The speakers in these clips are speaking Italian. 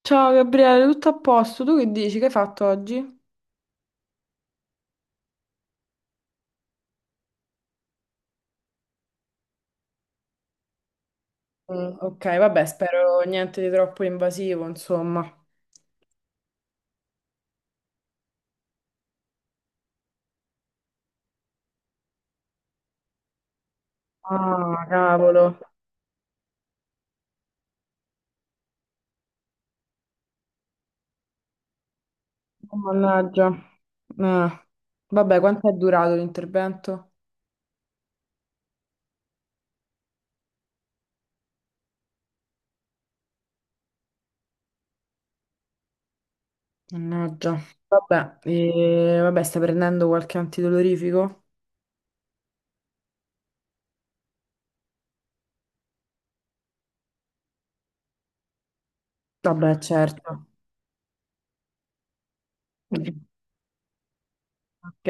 Ciao Gabriele, tutto a posto? Tu che dici? Che hai fatto oggi? Mm, ok, vabbè, spero niente di troppo invasivo, insomma. Ah, cavolo. Oh, mannaggia. Ah. Vabbè, quanto è durato l'intervento? Mannaggia. Vabbè, vabbè, stai prendendo qualche antidolorifico? Vabbè, certo. Ok.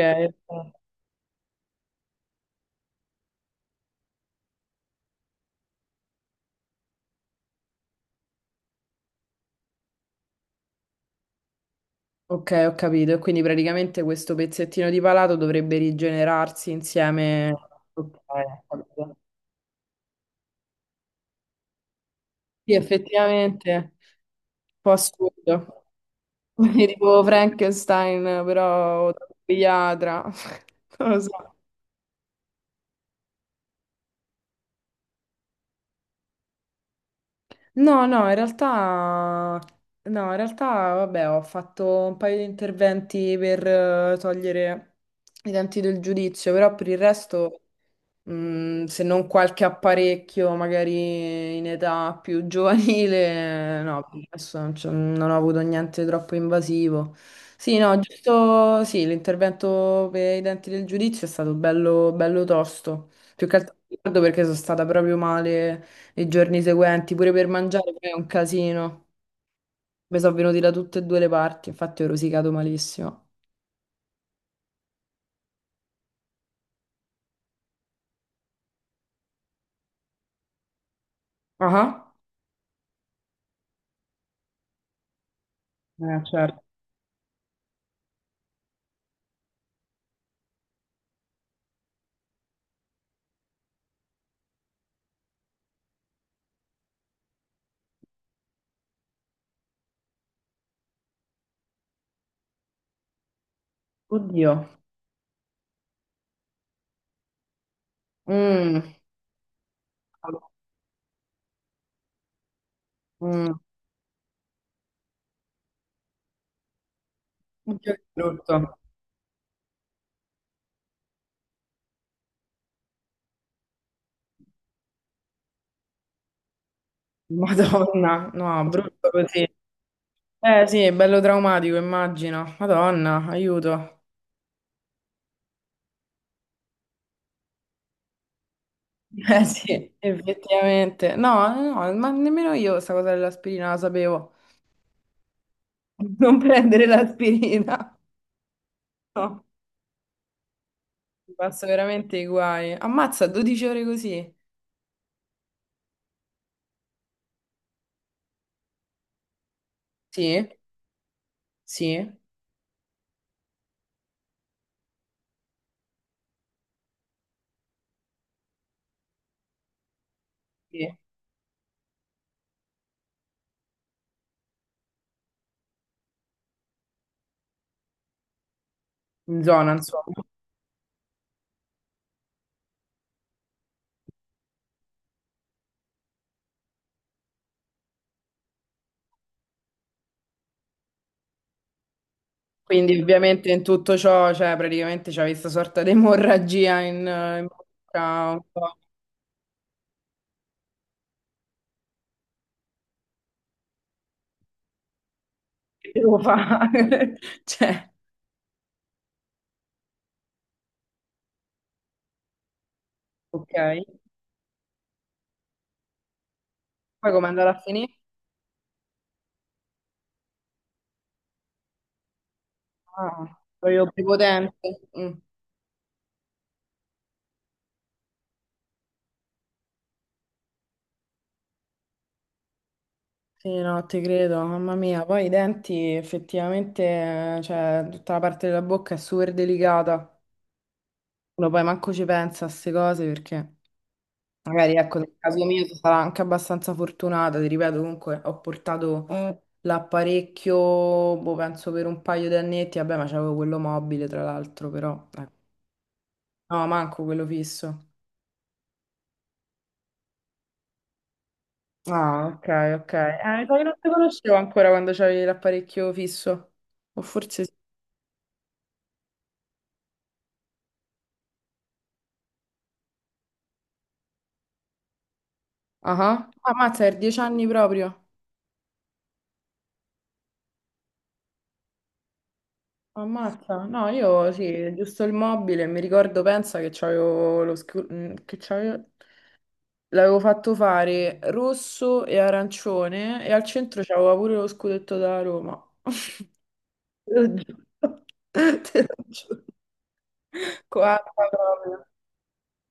Ok, ho capito. E quindi praticamente questo pezzettino di palato dovrebbe rigenerarsi insieme. Ok, ho capito. Sì, effettivamente, un po' assurdo. Tipo Frankenstein, però da pediatra. Non lo so. No, no, in realtà, no, in realtà, vabbè, ho fatto un paio di interventi per togliere i denti del giudizio, però per il resto. Mm, se non qualche apparecchio magari in età più giovanile, no, adesso non, non ho avuto niente troppo invasivo. Sì, no, giusto, sì, l'intervento per i denti del giudizio è stato bello, bello tosto. Più che altro mi ricordo perché sono stata proprio male i giorni seguenti, pure per mangiare poi è un casino. Mi sono venuti da tutte e due le parti, infatti ho rosicato malissimo. Ah, ah. Certo. Oddio. Mm. Mm. Oddio, che brutto. Madonna, no, brutto così. Eh sì, è bello traumatico, immagino. Madonna, aiuto. Eh sì, effettivamente. No, no, ma nemmeno io sta cosa dell'aspirina la sapevo. Non prendere l'aspirina. No, mi passo veramente i guai. Ammazza, 12 ore così. Sì, sì, sì. In zona, insomma. Quindi ovviamente in tutto ciò, cioè praticamente c'è questa sorta di emorragia in bocca un po'. Che devo fare? Cioè, ok. Poi come andare a finire? Ah, proprio prepotente. Mm. Sì, no, ti credo, mamma mia. Poi i denti, effettivamente, cioè, tutta la parte della bocca è super delicata. Uno poi manco ci pensa a queste cose perché magari, ecco, nel caso mio sono stata anche abbastanza fortunata. Ti ripeto, comunque, ho portato. Mm. L'apparecchio, boh, penso per un paio di annetti. Vabbè, ma c'avevo quello mobile, tra l'altro, però, ecco. No, manco quello fisso. Ah, ok, ok. Sai che non ti conoscevo ancora quando c'avevi l'apparecchio fisso. O forse sì. Ah, ah. Ammazza, per 10 anni proprio. Ammazza. No, io sì, giusto il mobile. Mi ricordo, pensa che c'avevo lo mm, che c'avevo... L'avevo fatto fare rosso e arancione e al centro c'aveva pure lo scudetto da Roma. Te lo giuro. Te lo giuro. Coatta proprio.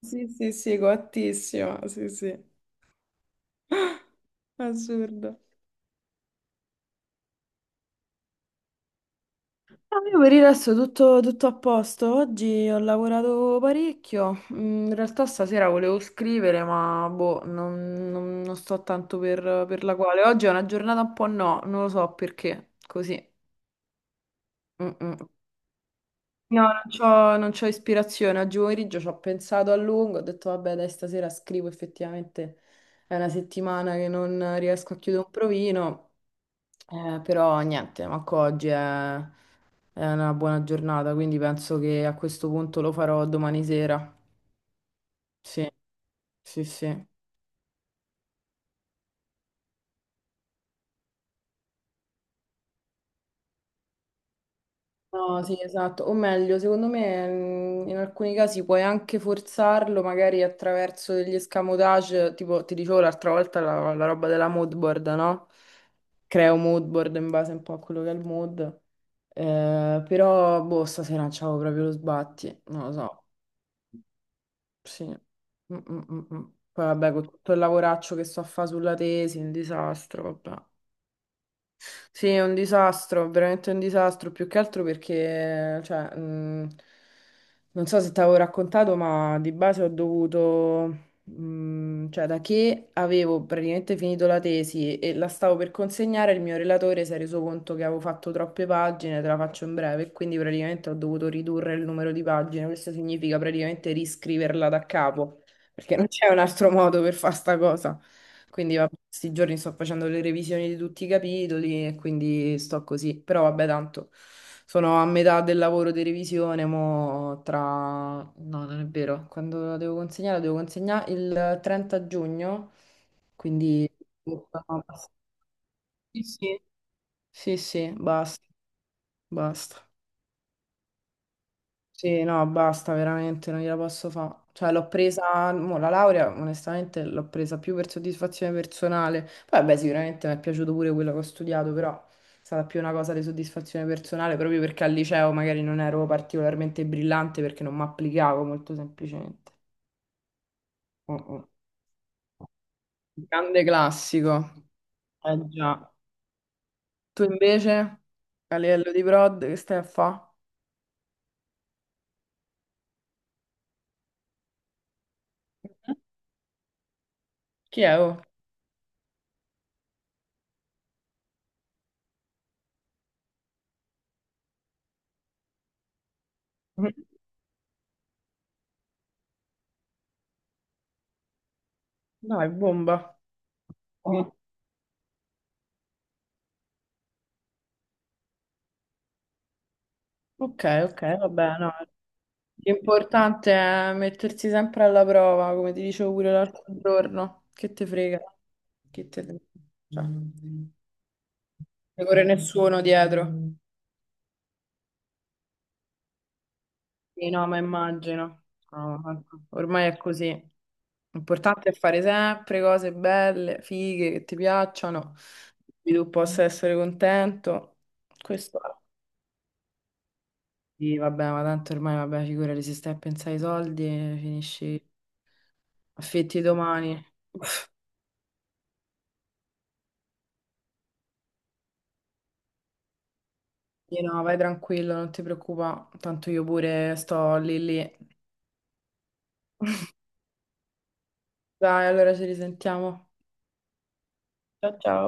Sì, sì, sì, coattissima. Sì, sì. Assurdo. No, io per il resto tutto, tutto a posto. Oggi ho lavorato parecchio. Mm, in realtà stasera volevo scrivere, ma boh, non sto tanto per la quale. Oggi è una giornata un po' no, non lo so perché. Così. Mm, mm. No, non c'ho ispirazione. Oggi pomeriggio ci ho pensato a lungo. Ho detto, vabbè, dai, stasera scrivo. Effettivamente è una settimana che non riesco a chiudere un provino. Però niente, manco oggi è una buona giornata, quindi penso che a questo punto lo farò domani sera. Sì, sì, sì. No, sì, esatto. O meglio, secondo me mm, in alcuni casi puoi anche forzarlo, magari attraverso degli escamotage, tipo ti dicevo l'altra volta la roba della mood board, no? Creo mood board in base un po' a quello che è il mood. Però, boh, stasera non c'avevo proprio lo sbatti, non lo so. Sì. Mm. Poi vabbè, con tutto il lavoraccio che sto a fare sulla tesi, un disastro, vabbè. Sì, è un disastro, veramente un disastro, più che altro perché, cioè, non so se ti avevo raccontato, ma di base ho dovuto, cioè, da che avevo praticamente finito la tesi e la stavo per consegnare, il mio relatore si è reso conto che avevo fatto troppe pagine, te la faccio in breve, e quindi praticamente ho dovuto ridurre il numero di pagine. Questo significa praticamente riscriverla da capo, perché non c'è un altro modo per fare sta cosa. Quindi vabbè, questi giorni sto facendo le revisioni di tutti i capitoli e quindi sto così. Però vabbè, tanto sono a metà del lavoro di revisione, mo tra... No, non è vero, quando la devo consegnare il 30 giugno, quindi... Sì, sì. Sì, sì, basta, basta. Sì, no, basta, veramente, non gliela posso fare. Cioè, l'ho presa, mo, la laurea, onestamente, l'ho presa più per soddisfazione personale. Poi, vabbè, sicuramente mi è piaciuto pure quello che ho studiato, però è stata più una cosa di soddisfazione personale, proprio perché al liceo magari non ero particolarmente brillante perché non mi applicavo molto semplicemente. Oh, oh. Grande classico. Eh già. Tu invece, a livello di prod, che stai a fare? Chi è? Oh? Dai, bomba. Ok, ok, vabbè, no. L'importante è mettersi sempre alla prova, come ti dicevo pure l'altro giorno. Che te frega? Che te... Cioè, non ti corre nessuno dietro. Sì, no, ma immagino. No, ma ormai è così. L'importante è fare sempre cose belle, fighe, che ti piacciono, di cui tu possa essere contento. Questo è. Sì, vabbè, ma tanto ormai, vabbè, figurati, se stai a pensare ai soldi, finisci affetti domani. Sì, no, vai tranquillo, non ti preoccupa, tanto io pure sto lì lì. Dai, allora ci risentiamo. Ciao ciao.